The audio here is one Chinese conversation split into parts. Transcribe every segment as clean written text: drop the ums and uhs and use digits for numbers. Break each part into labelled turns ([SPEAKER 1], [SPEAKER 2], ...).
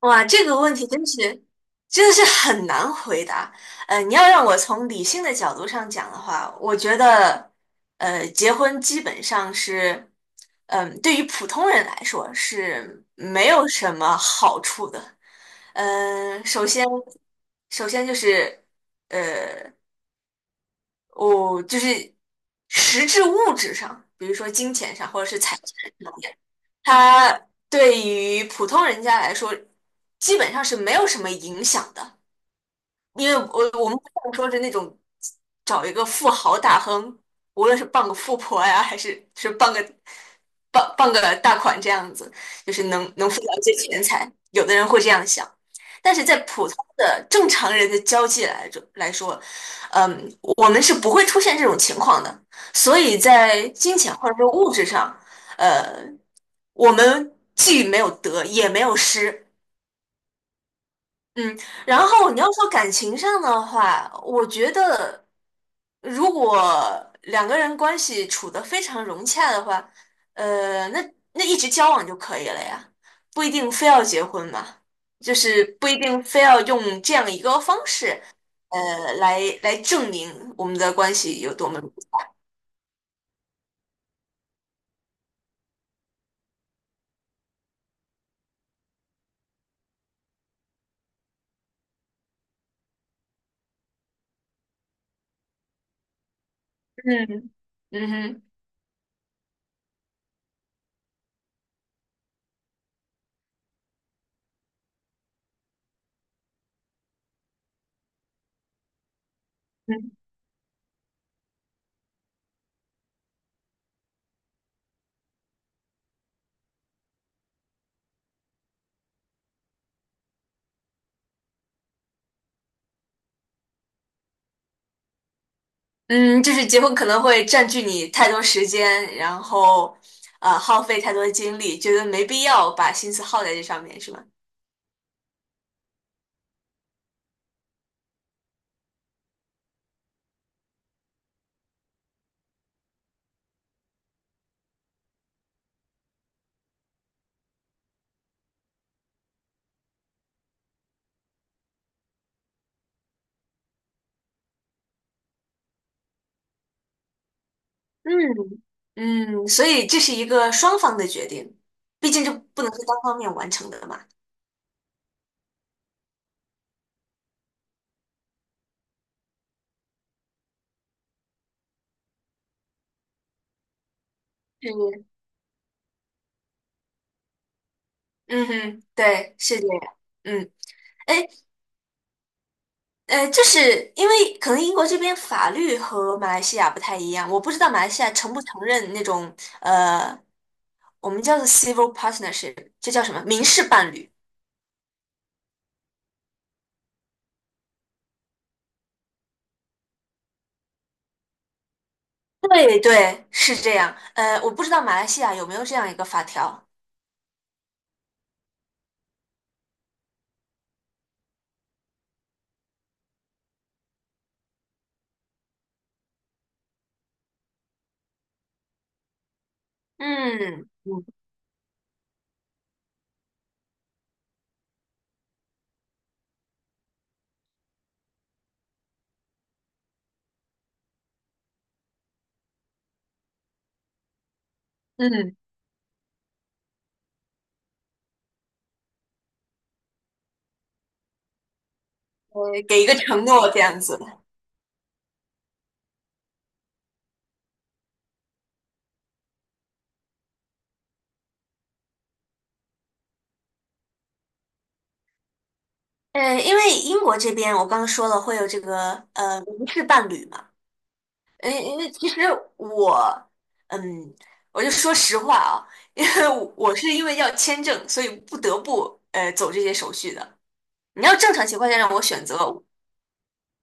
[SPEAKER 1] 哇，这个问题真的是很难回答。你要让我从理性的角度上讲的话，我觉得，结婚基本上是，对于普通人来说是没有什么好处的。嗯、首先，首先就是，呃，我就是实质物质上，比如说金钱上或者是财产上。它对于普通人家来说，基本上是没有什么影响的，因为我们不像说是那种找一个富豪大亨，无论是傍个富婆呀，还是傍个大款这样子，就是能富到一些钱财，有的人会这样想。但是在普通的正常人的交际来着来说，我们是不会出现这种情况的，所以在金钱或者说物质上。呃，我们既没有得也没有失，嗯，然后你要说感情上的话，我觉得如果两个人关系处得非常融洽的话，呃，那那一直交往就可以了呀，不一定非要结婚嘛，就是不一定非要用这样一个方式，来证明我们的关系有多么融洽，嗯嗯哼。嗯，就是结婚可能会占据你太多时间，然后耗费太多精力，觉得没必要把心思耗在这上面，是吗？嗯，嗯，所以这是一个双方的决定，毕竟就不能是单方面完成的嘛。是，嗯哼，对，是这样。嗯，哎，就是因为可能英国这边法律和马来西亚不太一样，我不知道马来西亚承不承认那种呃，我们叫做 civil partnership，这叫什么民事伴侣？对对，是这样。我不知道马来西亚有没有这样一个法条。嗯嗯嗯，呃，给一个承诺这样子。因为英国这边我刚刚说了会有这个无事伴侣嘛，因为其实我，嗯，我就说实话啊，因为我是因为要签证，所以不得不走这些手续的。你要正常情况下让我选择，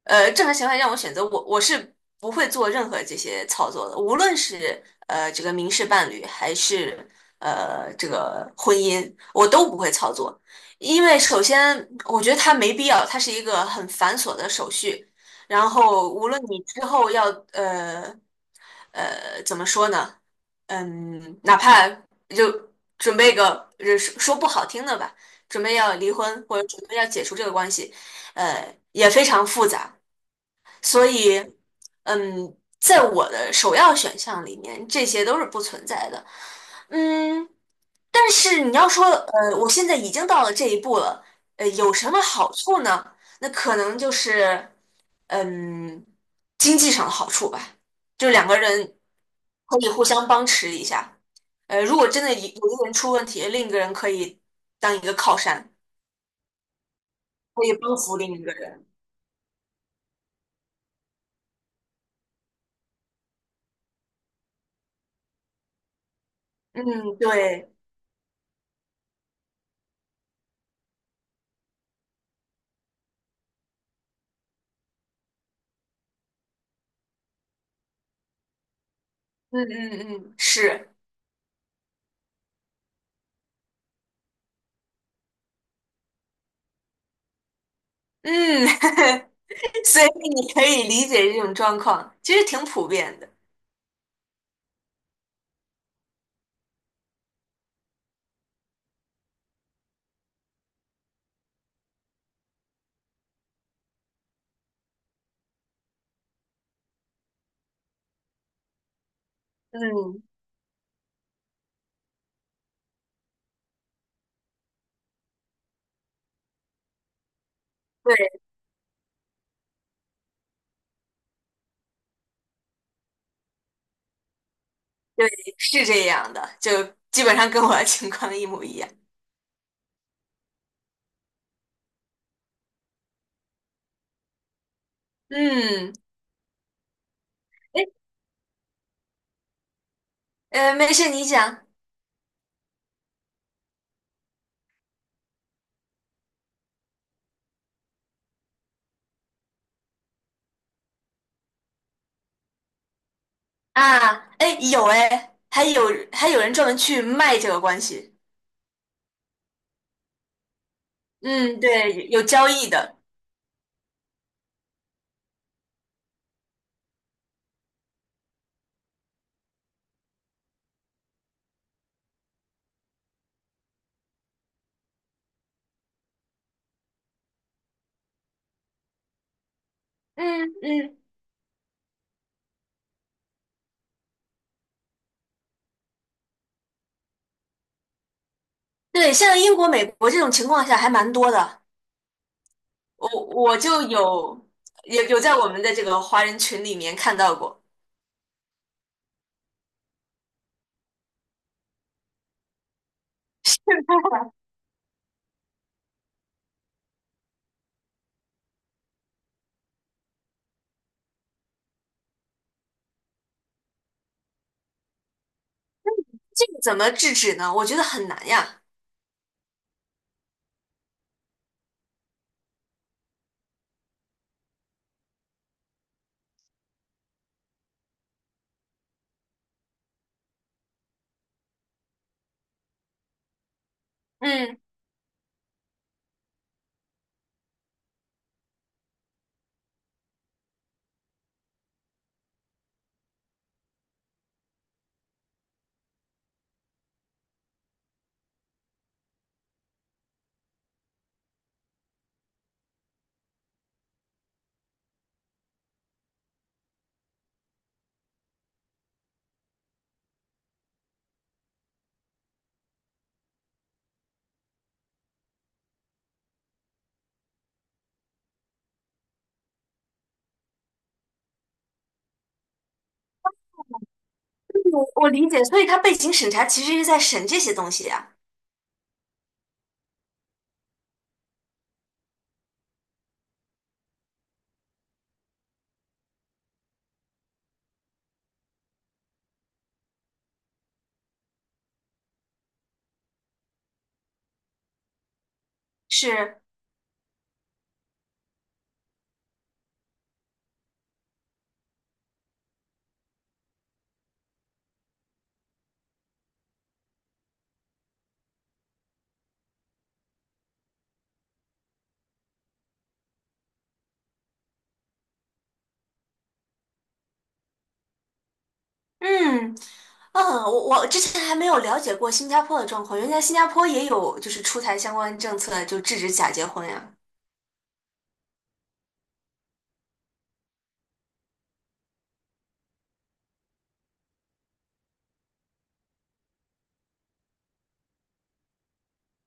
[SPEAKER 1] 正情情况下让我选择，我是不会做任何这些操作的，无论是这个民事伴侣还是这个婚姻，我都不会操作，因为首先我觉得它没必要，它是一个很繁琐的手续，然后无论你之后要呃怎么说呢，哪怕就准备个说说不好听的吧，准备要离婚或者准备要解除这个关系，也非常复杂。所以，在我的首要选项里面，这些都是不存在的。嗯，但是你要说，我现在已经到了这一步了，有什么好处呢？那可能就是，嗯，经济上的好处吧，就两个人可以互相帮持一下。如果真的有一个人出问题，另一个人可以当一个靠山，可以帮扶另一个人。嗯，对，嗯嗯嗯，是。嗯，所以你可以理解这种状况，其实挺普遍的。嗯，对对，是这样的，就基本上跟我的情况一模一样。嗯，哎，没事，你讲啊，哎，还有人专门去卖这个关系。嗯，对，有交易的。嗯嗯，对，像英国、美国这种情况下还蛮多的。我就有在我们的这个华人群里面看到过。这个怎么制止呢？我觉得很难呀。嗯，我理解，所以他背景审查其实是在审这些东西呀。是，嗯，嗯，我之前还没有了解过新加坡的状况，原来新加坡也有就是出台相关政策，就制止假结婚呀。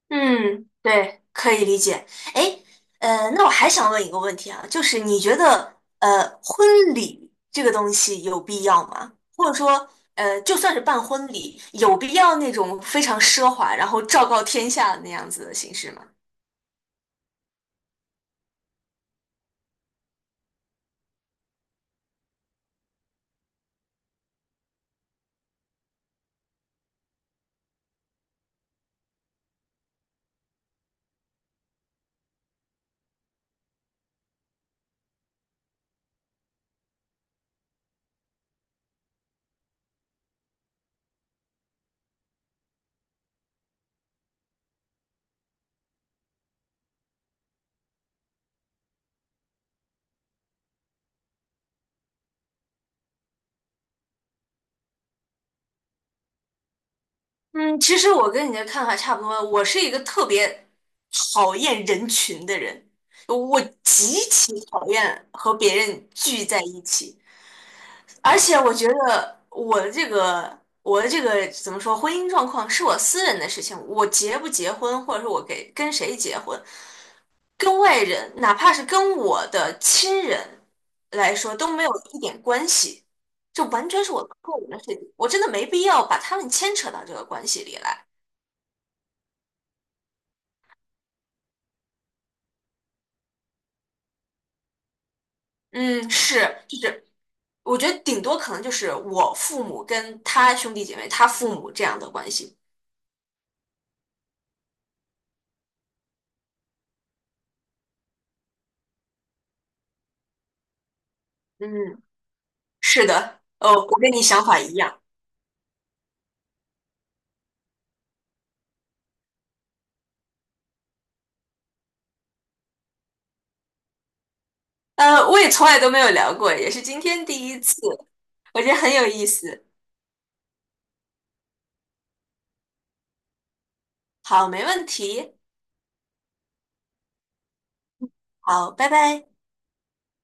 [SPEAKER 1] 嗯，对，可以理解。哎，那我还想问一个问题啊，就是你觉得，婚礼这个东西有必要吗？或者说，就算是办婚礼，有必要那种非常奢华，然后昭告天下的那样子的形式吗？嗯，其实我跟你的看法差不多。我是一个特别讨厌人群的人，我极其讨厌和别人聚在一起。而且我觉得我的这个怎么说，婚姻状况是我私人的事情，我结不结婚，或者说我跟谁结婚，跟外人，哪怕是跟我的亲人来说都没有一点关系，这完全是我个人的事情，我真的没必要把他们牵扯到这个关系里来。嗯，是，就是我觉得顶多可能就是我父母跟他兄弟姐妹、他父母这样的关系。嗯，是的，哦，我跟你想法一样。我也从来都没有聊过，也是今天第一次，我觉得很有意思。好，没问题。好，拜拜。